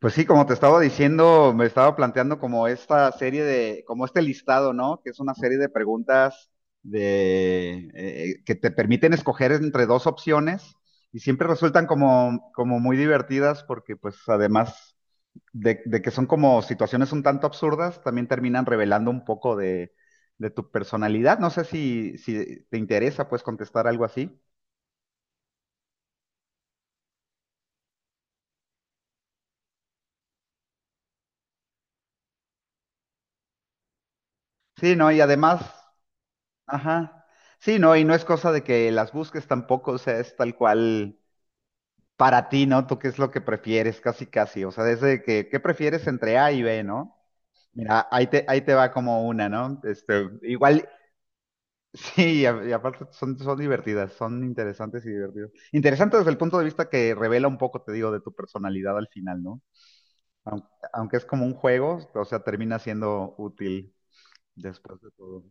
Pues sí, como te estaba diciendo, me estaba planteando como esta serie de, como este listado, ¿no? Que es una serie de preguntas de, que te permiten escoger entre dos opciones y siempre resultan como muy divertidas porque pues además de que son como situaciones un tanto absurdas, también terminan revelando un poco de tu personalidad. No sé si te interesa pues contestar algo así. Sí, no, y además. Ajá. Sí, no, y no es cosa de que las busques tampoco, o sea, es tal cual para ti, ¿no? Tú qué es lo que prefieres, casi, casi. O sea, desde que, ¿qué prefieres entre A y B?, ¿no? Mira, ahí te va como una, ¿no? Este, igual, sí, y aparte son divertidas, son interesantes y divertidas. Interesantes desde el punto de vista que revela un poco, te digo, de tu personalidad al final, ¿no? Aunque es como un juego, o sea, termina siendo útil después de todo.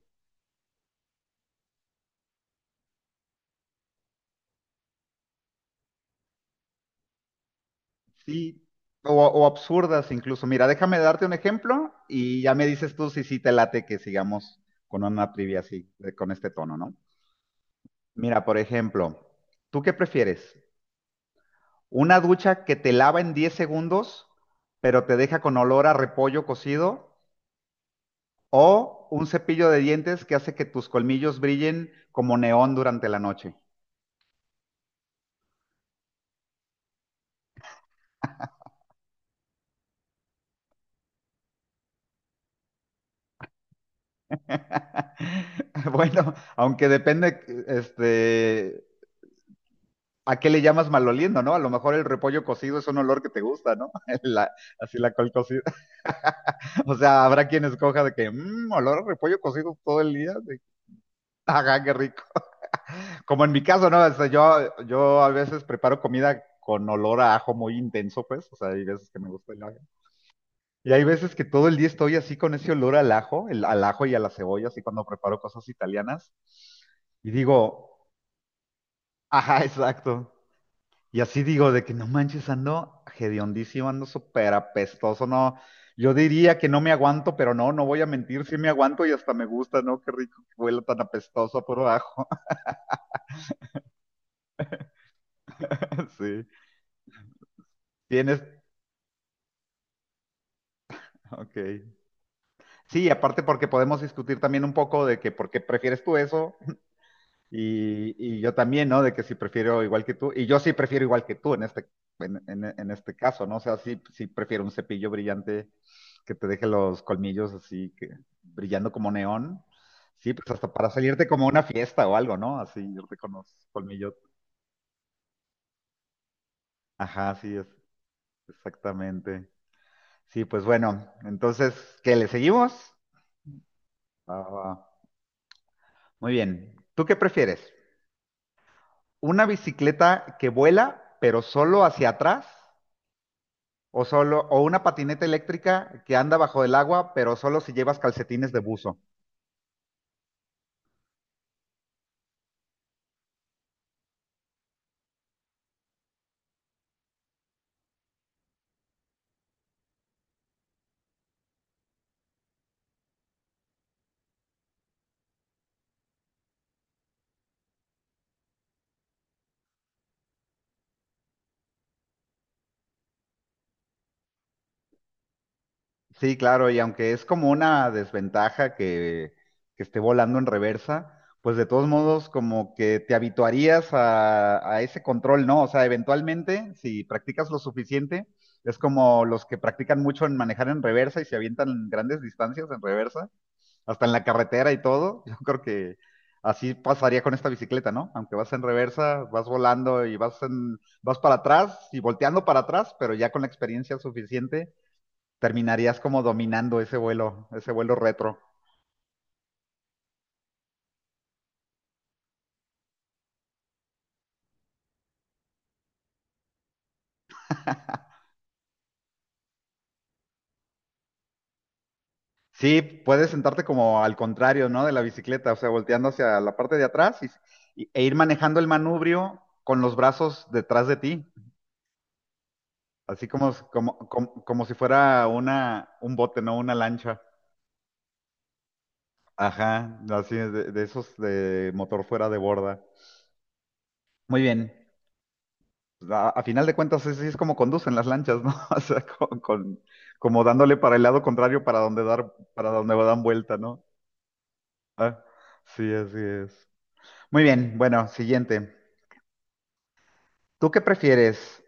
Sí, o absurdas incluso. Mira, déjame darte un ejemplo y ya me dices tú si sí te late que sigamos con una trivia así, con este tono, ¿no? Mira, por ejemplo, ¿tú qué prefieres? ¿Una ducha que te lava en 10 segundos, pero te deja con olor a repollo cocido? ¿O un cepillo de dientes que hace que tus colmillos brillen como neón durante la noche? Bueno, aunque depende, este, ¿a qué le llamas maloliendo? ¿No? A lo mejor el repollo cocido es un olor que te gusta, ¿no? La- Así la col cocida. O sea, habrá quien escoja de que, mmm, olor a repollo cocido todo el día. De, ajá, qué rico. Como en mi caso, ¿no? O sea, yo a veces preparo comida con olor a ajo muy intenso, pues. O sea, hay veces que me gusta el ajo. Y hay veces que todo el día estoy así con ese olor al ajo, al ajo y a la cebolla, así cuando preparo cosas italianas. Y digo, ajá, exacto. Y así digo, de que no manches, ando hediondísimo, ando súper apestoso, no. Yo diría que no me aguanto, pero no, no voy a mentir, sí me aguanto y hasta me gusta, ¿no? Qué rico que huela tan apestoso por abajo. Sí. Tienes, ok. Sí, aparte porque podemos discutir también un poco de que por qué prefieres tú eso. Y, yo también, ¿no? De que sí prefiero igual que tú. Y yo sí prefiero igual que tú en este caso, ¿no? O sea, sí, sí prefiero un cepillo brillante que te deje los colmillos así, que, brillando como neón. Sí, pues hasta para salirte como a una fiesta o algo, ¿no? Así, irte con los colmillos. Ajá, sí, es, exactamente. Sí, pues bueno, entonces, ¿qué le seguimos? Ah, ah, muy bien. ¿Tú qué prefieres? ¿Una bicicleta que vuela, pero solo hacia atrás? O una patineta eléctrica que anda bajo el agua, pero solo si llevas calcetines de buzo. Sí, claro, y aunque es como una desventaja que esté volando en reversa, pues de todos modos como que te habituarías a ese control, ¿no? O sea, eventualmente, si practicas lo suficiente, es como los que practican mucho en manejar en reversa y se avientan grandes distancias en reversa, hasta en la carretera y todo. Yo creo que así pasaría con esta bicicleta, ¿no? Aunque vas en reversa, vas volando y vas para atrás y volteando para atrás, pero ya con la experiencia suficiente terminarías como dominando ese vuelo retro. Sí, puedes sentarte como al contrario, ¿no? De la bicicleta, o sea, volteando hacia la parte de atrás y, e ir manejando el manubrio con los brazos detrás de ti, así como si fuera un bote, ¿no? Una lancha. Ajá, no, así es, de esos de motor fuera de borda. Muy bien. Pues, a final de cuentas, así es como conducen las lanchas, ¿no? O sea, como dándole para el lado contrario para donde dan vuelta, ¿no? Ah, sí, así es. Muy bien, bueno, siguiente. ¿Tú qué prefieres?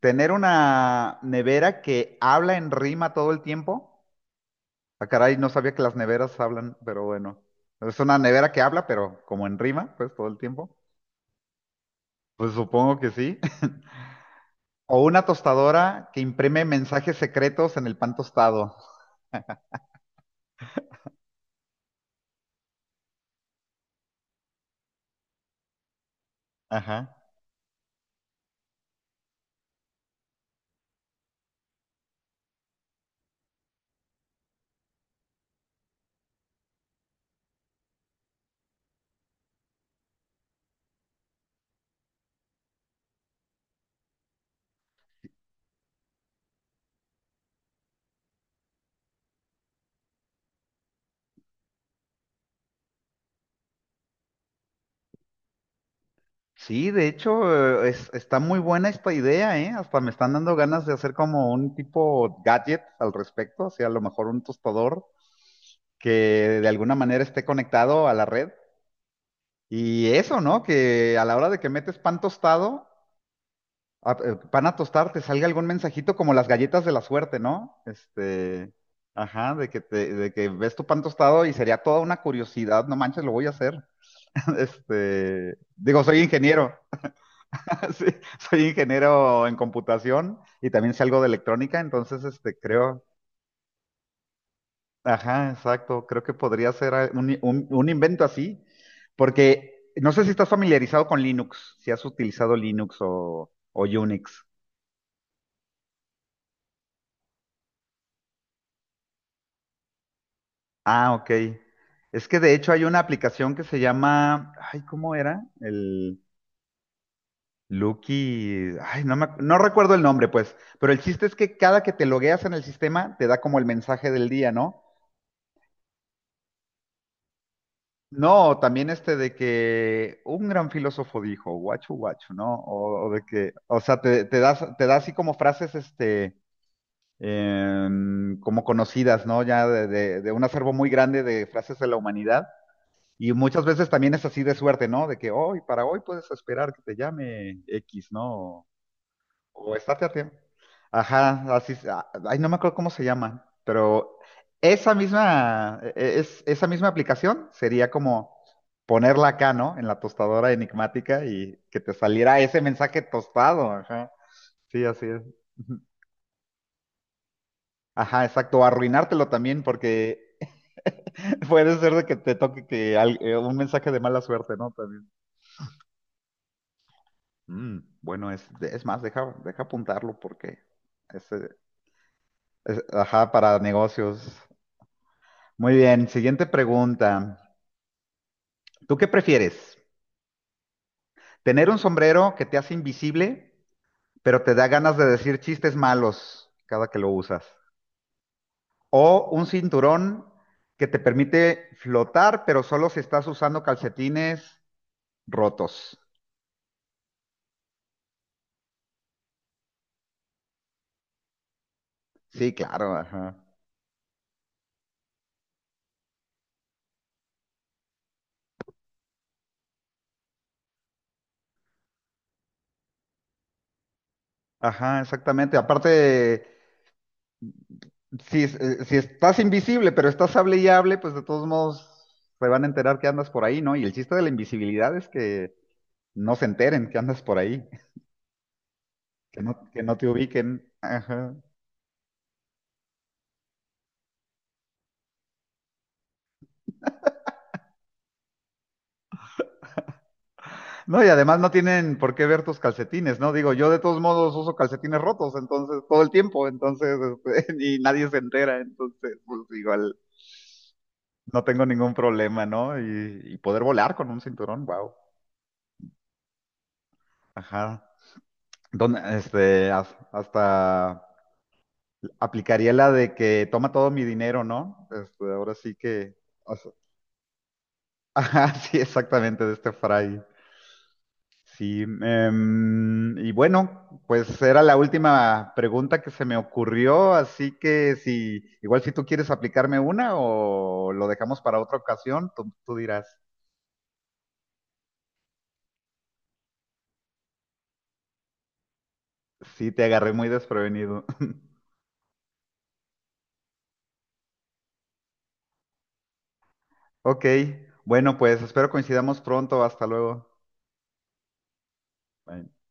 ¿Tener una nevera que habla en rima todo el tiempo? Ah, caray, no sabía que las neveras hablan, pero bueno. Es una nevera que habla, pero como en rima, pues todo el tiempo. Pues supongo que sí. O una tostadora que imprime mensajes secretos en el pan tostado. Ajá. Sí, de hecho, está muy buena esta idea, ¿eh? Hasta me están dando ganas de hacer como un tipo gadget al respecto, o sea, a lo mejor un tostador que de alguna manera esté conectado a la red. Y eso, ¿no? Que a la hora de que metes pan tostado, pan a tostar, te salga algún mensajito como las galletas de la suerte, ¿no? Este, ajá, de que te, de que ves tu pan tostado y sería toda una curiosidad, no manches, lo voy a hacer. Este, digo, soy ingeniero, sí, soy ingeniero en computación y también sé algo de electrónica, entonces este, creo, ajá, exacto, creo que podría ser un invento así, porque no sé si estás familiarizado con Linux, si has utilizado Linux o Unix. Ah, ok. Es que de hecho hay una aplicación que se llama, ay, ¿cómo era? El, Lucky, ay, no recuerdo el nombre, pues, pero el chiste es que cada que te logueas en el sistema te da como el mensaje del día, ¿no? No, también este de que un gran filósofo dijo, guacho guacho, ¿no? O de que, o sea, te das, te da así como frases, este, como conocidas, ¿no? Ya de, de un acervo muy grande de frases de la humanidad. Y muchas veces también es así de suerte, ¿no? De que hoy, para hoy puedes esperar que te llame X, ¿no? O estate a tiempo. Ajá, así, ay, no me acuerdo cómo se llama, pero esa misma, e- e-, es, esa misma aplicación sería como ponerla acá, ¿no? En la tostadora enigmática y que te saliera ese mensaje tostado, ajá. Sí, así es. Ujú. Ajá, exacto, o arruinártelo también porque puede ser de que te toque un mensaje de mala suerte, ¿no? También. Mm, bueno, es más, deja apuntarlo porque ese, ajá, para negocios. Muy bien, siguiente pregunta. ¿Tú qué prefieres? ¿Tener un sombrero que te hace invisible, pero te da ganas de decir chistes malos cada que lo usas? ¿O un cinturón que te permite flotar, pero solo si estás usando calcetines rotos? Sí, claro, ajá. Ajá, exactamente. Aparte, si estás invisible, pero estás hable y hable, pues de todos modos se van a enterar que andas por ahí, ¿no? Y el chiste de la invisibilidad es que no se enteren que andas por ahí. Que no te ubiquen. Ajá. No, y además no tienen por qué ver tus calcetines, ¿no? Digo, yo de todos modos uso calcetines rotos, entonces, todo el tiempo, entonces, este, y nadie se entera, entonces, pues igual no tengo ningún problema, ¿no? Y poder volar con un cinturón, wow. Ajá. Donde, este, hasta aplicaría la de que toma todo mi dinero, ¿no? Este, ahora sí que, o sea, ajá, sí, exactamente, de este fray. Sí, y bueno, pues era la última pregunta que se me ocurrió, así que igual si tú quieres aplicarme una o lo dejamos para otra ocasión, tú dirás. Sí, te agarré muy desprevenido. Ok, bueno, pues espero coincidamos pronto. Hasta luego. Bye.